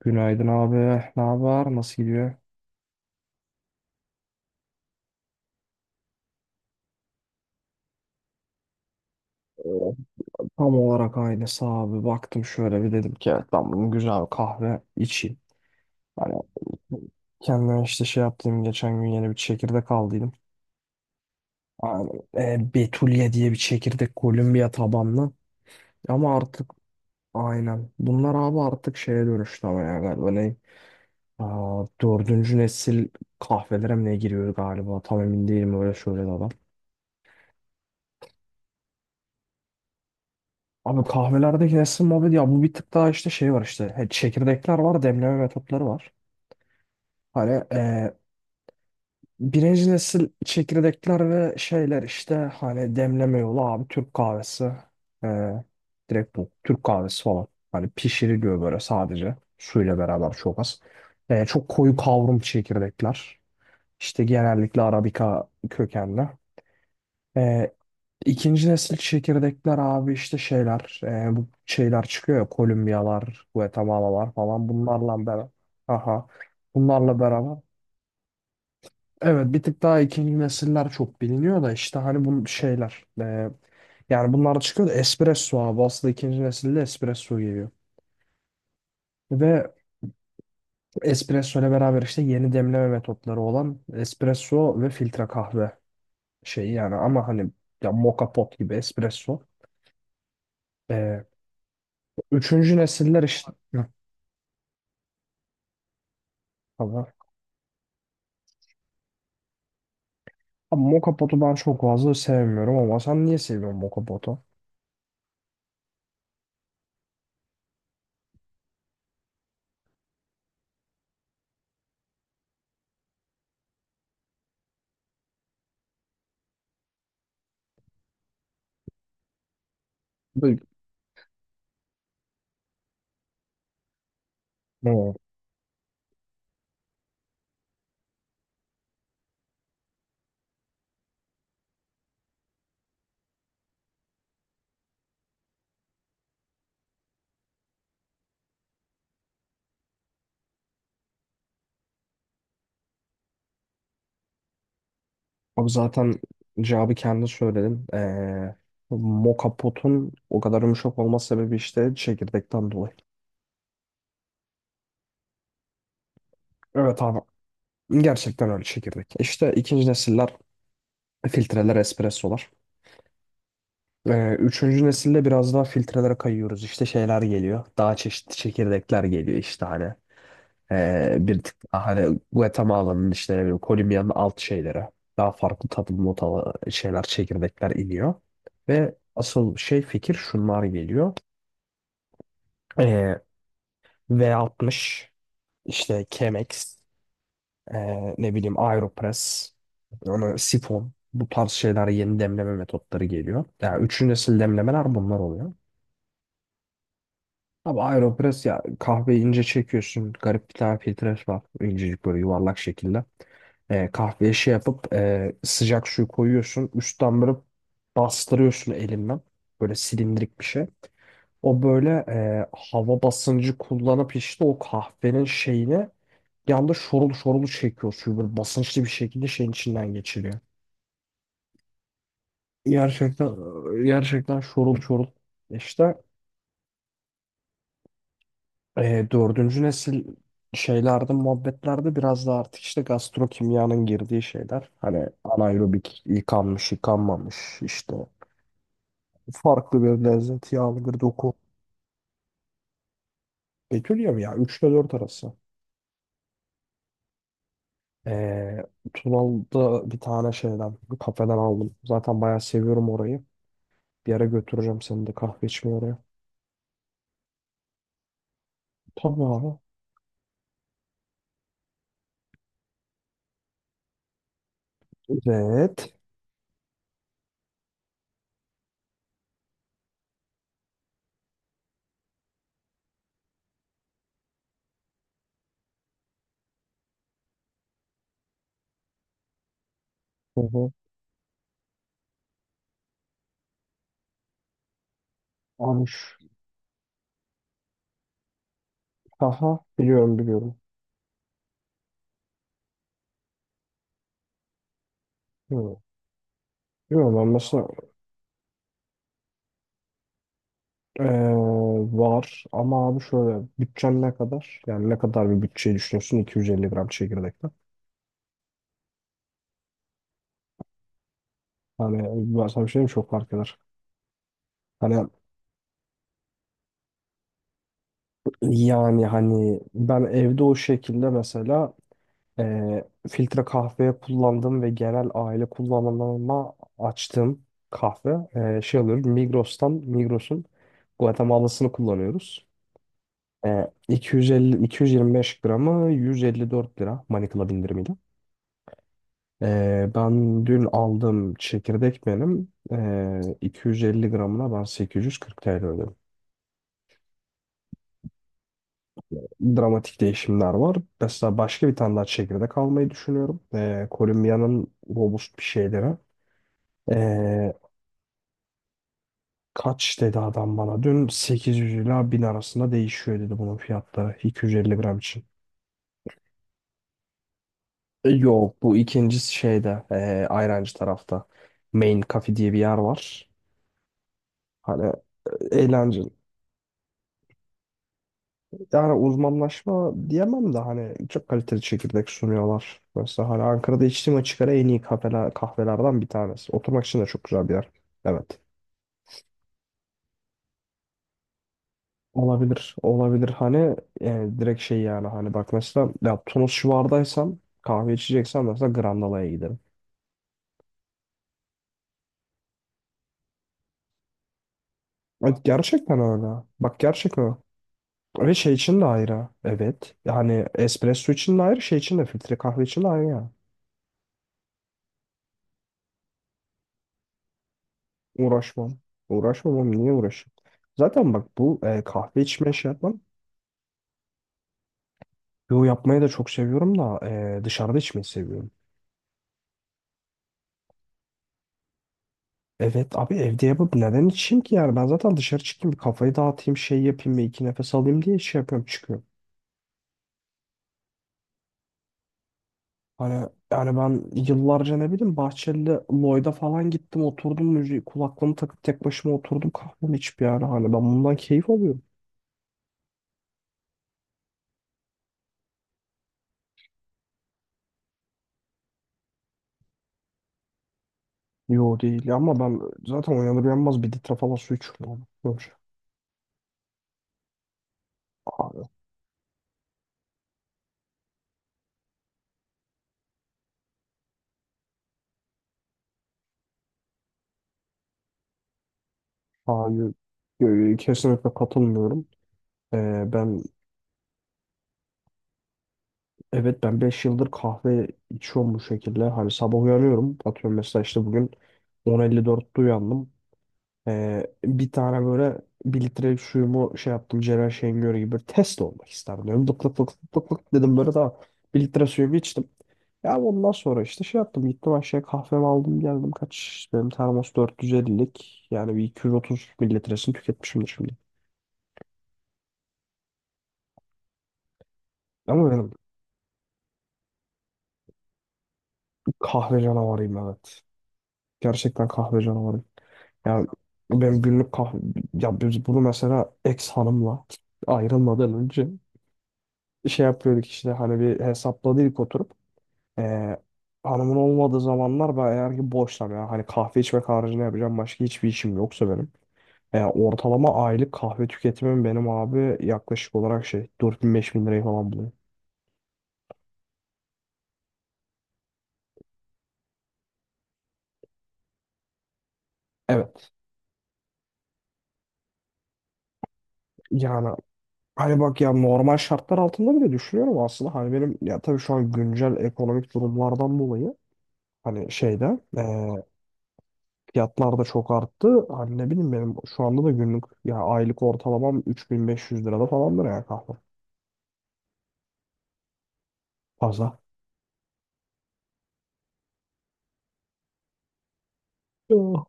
Günaydın abi. Ne haber? Nasıl gidiyor? Ee, Tam olarak aynısı abi. Baktım şöyle bir dedim ki evet ben bugün güzel bir kahve içeyim. Hani kendime işte şey yaptım. Geçen gün yeni bir çekirdek aldıydım. Aynen. Betulye diye bir çekirdek Kolombiya tabanlı. Ama artık aynen. Bunlar abi artık şeye dönüştü ama ya galiba ne? Dördüncü nesil kahvelere mi ne giriyor galiba? Tam emin değilim öyle söyledi adam. Abi kahvelerde kesin muhabbet ya bu bir tık daha işte şey var işte çekirdekler var demleme metotları var. Hani birinci nesil çekirdekler ve şeyler işte hani demleme yolu abi Türk kahvesi. E, direkt bu Türk kahvesi falan. Hani pişiriliyor böyle sadece suyla beraber çok az. Çok koyu kavrum çekirdekler işte genellikle Arabika kökenli. E, ikinci nesil çekirdekler abi işte şeyler bu şeyler çıkıyor ya Kolombiyalar, Guatemala'lar falan bunlarla beraber. Aha. Bunlarla beraber. Evet bir tık daha ikinci nesiller çok biliniyor da işte hani bu şeyler. Yani bunlar çıkıyor da espresso abi aslında ikinci nesilde espresso geliyor. Ve espresso ile beraber işte yeni demleme metotları olan espresso ve filtre kahve şeyi yani ama hani ya moka pot gibi espresso. e, Üçüncü nesiller işte. Hı, tamam. Ama Moka Pot'u ben çok fazla sevmiyorum ama sen niye seviyorsun Moka Pot'u? Böyle- Hı. Abi zaten cevabı kendi söyledim. Moka Pot'un o kadar yumuşak olma sebebi işte çekirdekten dolayı. Evet abi. Gerçekten öyle çekirdek. İşte ikinci nesiller filtreler, espressolar. Üçüncü nesilde biraz daha filtrelere kayıyoruz. İşte şeyler geliyor. Daha çeşitli çekirdekler geliyor işte hani. Bir tık daha hani Guatemala'nın işte ne bileyim Kolombiya'nın alt şeyleri. Daha farklı tadım notalı şeyler çekirdekler iniyor. Ve asıl şey fikir şunlar geliyor. Ee, V60 işte Chemex ne bileyim Aeropress onu sifon bu tarz şeyler yeni demleme metotları geliyor. Yani üçüncü nesil demlemeler bunlar oluyor. Abi Aeropress ya kahveyi ince çekiyorsun. Garip bir tane filtre var. İncecik böyle yuvarlak şekilde. Kahveye şey yapıp sıcak suyu koyuyorsun. Üstten böyle bastırıyorsun elinden. Böyle silindirik bir şey. O böyle hava basıncı kullanıp işte o kahvenin şeyini yanda şorul şorul çekiyor suyu. Böyle basınçlı bir şekilde şeyin içinden geçiriyor. Gerçekten gerçekten şorul şorul. İşte dördüncü nesil şeylerde, muhabbetlerde biraz da artık işte gastrokimyanın girdiği şeyler. Hani anaerobik yıkanmış, yıkanmamış işte farklı bir lezzet, yağlı bir doku. Bekliyor mu ya? 3 ile 4 arası. E, Tunalı'da bir tane şeyden, bir kafeden aldım. Zaten bayağı seviyorum orayı. Bir yere götüreceğim seni de kahve içmeye oraya. Tabii abi. Evet. Hı hı. Almış. Aha, biliyorum biliyorum. Hı. Biliyorum ben mesela. Ee, Var ama abi şöyle bütçen ne kadar? Yani ne kadar bir bütçeyi düşünüyorsun 250 gram çekirdekten? Hani ben sana bir şey diyeyim mi? Çok fark eder. Hani yani hani ben evde o şekilde mesela filtre kahveye kullandım ve genel aile kullanımına açtığım kahve şey alıyorum Migros'tan Migros'un Guatemala'sını kullanıyoruz. 250 225 gramı 154 lira Manikla indirimiyle. Ben dün aldım çekirdek benim. 250 gramına ben 840 TL ödedim. Dramatik değişimler var. Mesela başka bir tane daha çekirdek almayı düşünüyorum. Kolombiya'nın robust bir şeyleri. Ee, Kaç dedi adam bana? Dün 800 ila 1000 arasında değişiyor dedi bunun fiyatları 250 gram için. Yok bu ikinci şeyde Ayrancı tarafta. Main Cafe diye bir yer var. Hani eğlenceli. Yani uzmanlaşma diyemem de hani çok kaliteli çekirdek sunuyorlar. Mesela hani Ankara'da içtiğim açık ara en iyi kafeler, kahvelerden bir tanesi. Oturmak için de çok güzel bir yer. Evet. Olabilir. Olabilir. Hani direkt şey yani hani bak mesela ya Tunus civardaysam kahve içeceksem mesela Grandala'ya giderim. Ay, gerçekten öyle. Bak gerçekten öyle. Ve şey için de ayrı. Evet. Yani espresso için de ayrı, şey için de filtre kahve için de ayrı yani. Uğraşmam. Uğraşmam oğlum niye uğraşayım? Zaten bak bu kahve içme şey yapmam. Yo yapmayı da çok seviyorum da dışarıda içmeyi seviyorum. Evet abi evde yapıp neden içeyim ki yani ben zaten dışarı çıkayım bir kafayı dağıtayım şey yapayım bir iki nefes alayım diye şey yapıyorum çıkıyorum. Hani yani ben yıllarca ne bileyim Bahçeli'de Lloyd'a falan gittim oturdum müziği kulaklığımı takıp tek başıma oturdum kahvemi içip yani hani ben bundan keyif alıyorum. Yo değil ama ben zaten uyanır uyanmaz bir litre falan su içiyorum, abi. Hayır, kesinlikle katılmıyorum. Ben evet ben 5 yıldır kahve içiyorum bu şekilde. Hani sabah uyanıyorum. Atıyorum mesela işte bugün 10.54'te uyandım. Bir tane böyle bir litre suyumu şey yaptım. Celal Şengör gibi test olmak isterdim. Diyorum. Lık lık lık lık lık lık dedim böyle daha bir litre suyumu içtim. Ya ondan sonra işte şey yaptım. Gittim aşağıya kahvemi aldım geldim. Kaç işte benim termos 450'lik. Yani bir 230 mililitresini tüketmişimdir şimdi. Ama benim. Kahve canavarıyım evet. Gerçekten kahve canavarıyım. Yani benim günlük kahve... Ya biz bunu mesela ex hanımla ayrılmadan önce şey yapıyorduk işte hani bir hesapladık oturup. Ee, Hanımın olmadığı zamanlar ben eğer ki boşsam yani hani kahve içmek haricinde yapacağım başka hiçbir işim yoksa benim. Ortalama aylık kahve tüketimim benim abi yaklaşık olarak şey 4.000-5.000 lirayı falan buluyor. Evet. Yani hani bak ya normal şartlar altında bile düşünüyorum aslında. Hani benim ya tabii şu an güncel ekonomik durumlardan dolayı hani şeyde fiyatlar da çok arttı. Hani ne bileyim benim şu anda da günlük ya aylık ortalamam 3.500 lirada falandır ya kahve. Fazla. Oh.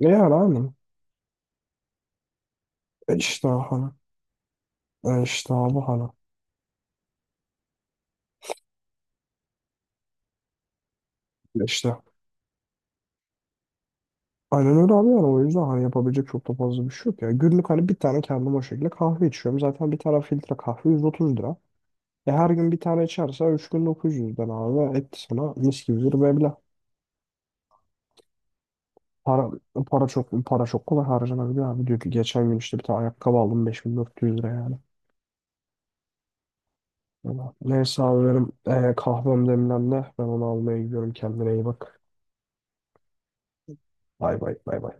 E yani abi. E işte hani. E işte abi hani. E işte. Aynen öyle abi yani o yüzden hani yapabilecek çok da fazla bir şey yok ya. Günlük hani bir tane kendim o şekilde kahve içiyorum. Zaten bir tane filtre kahve 130 lira. E her gün bir tane içerse 3 gün 900'den abi etti sana mis gibi bir meblağ. Para, para çok kolay harcanabiliyor abi. Diyor ki geçen gün işte bir tane ayakkabı aldım 5.400 lira yani. Valla. Neyse abi benim kahvem demlendi. Ben onu almaya gidiyorum. Kendine iyi bak. Bay bay bay bay.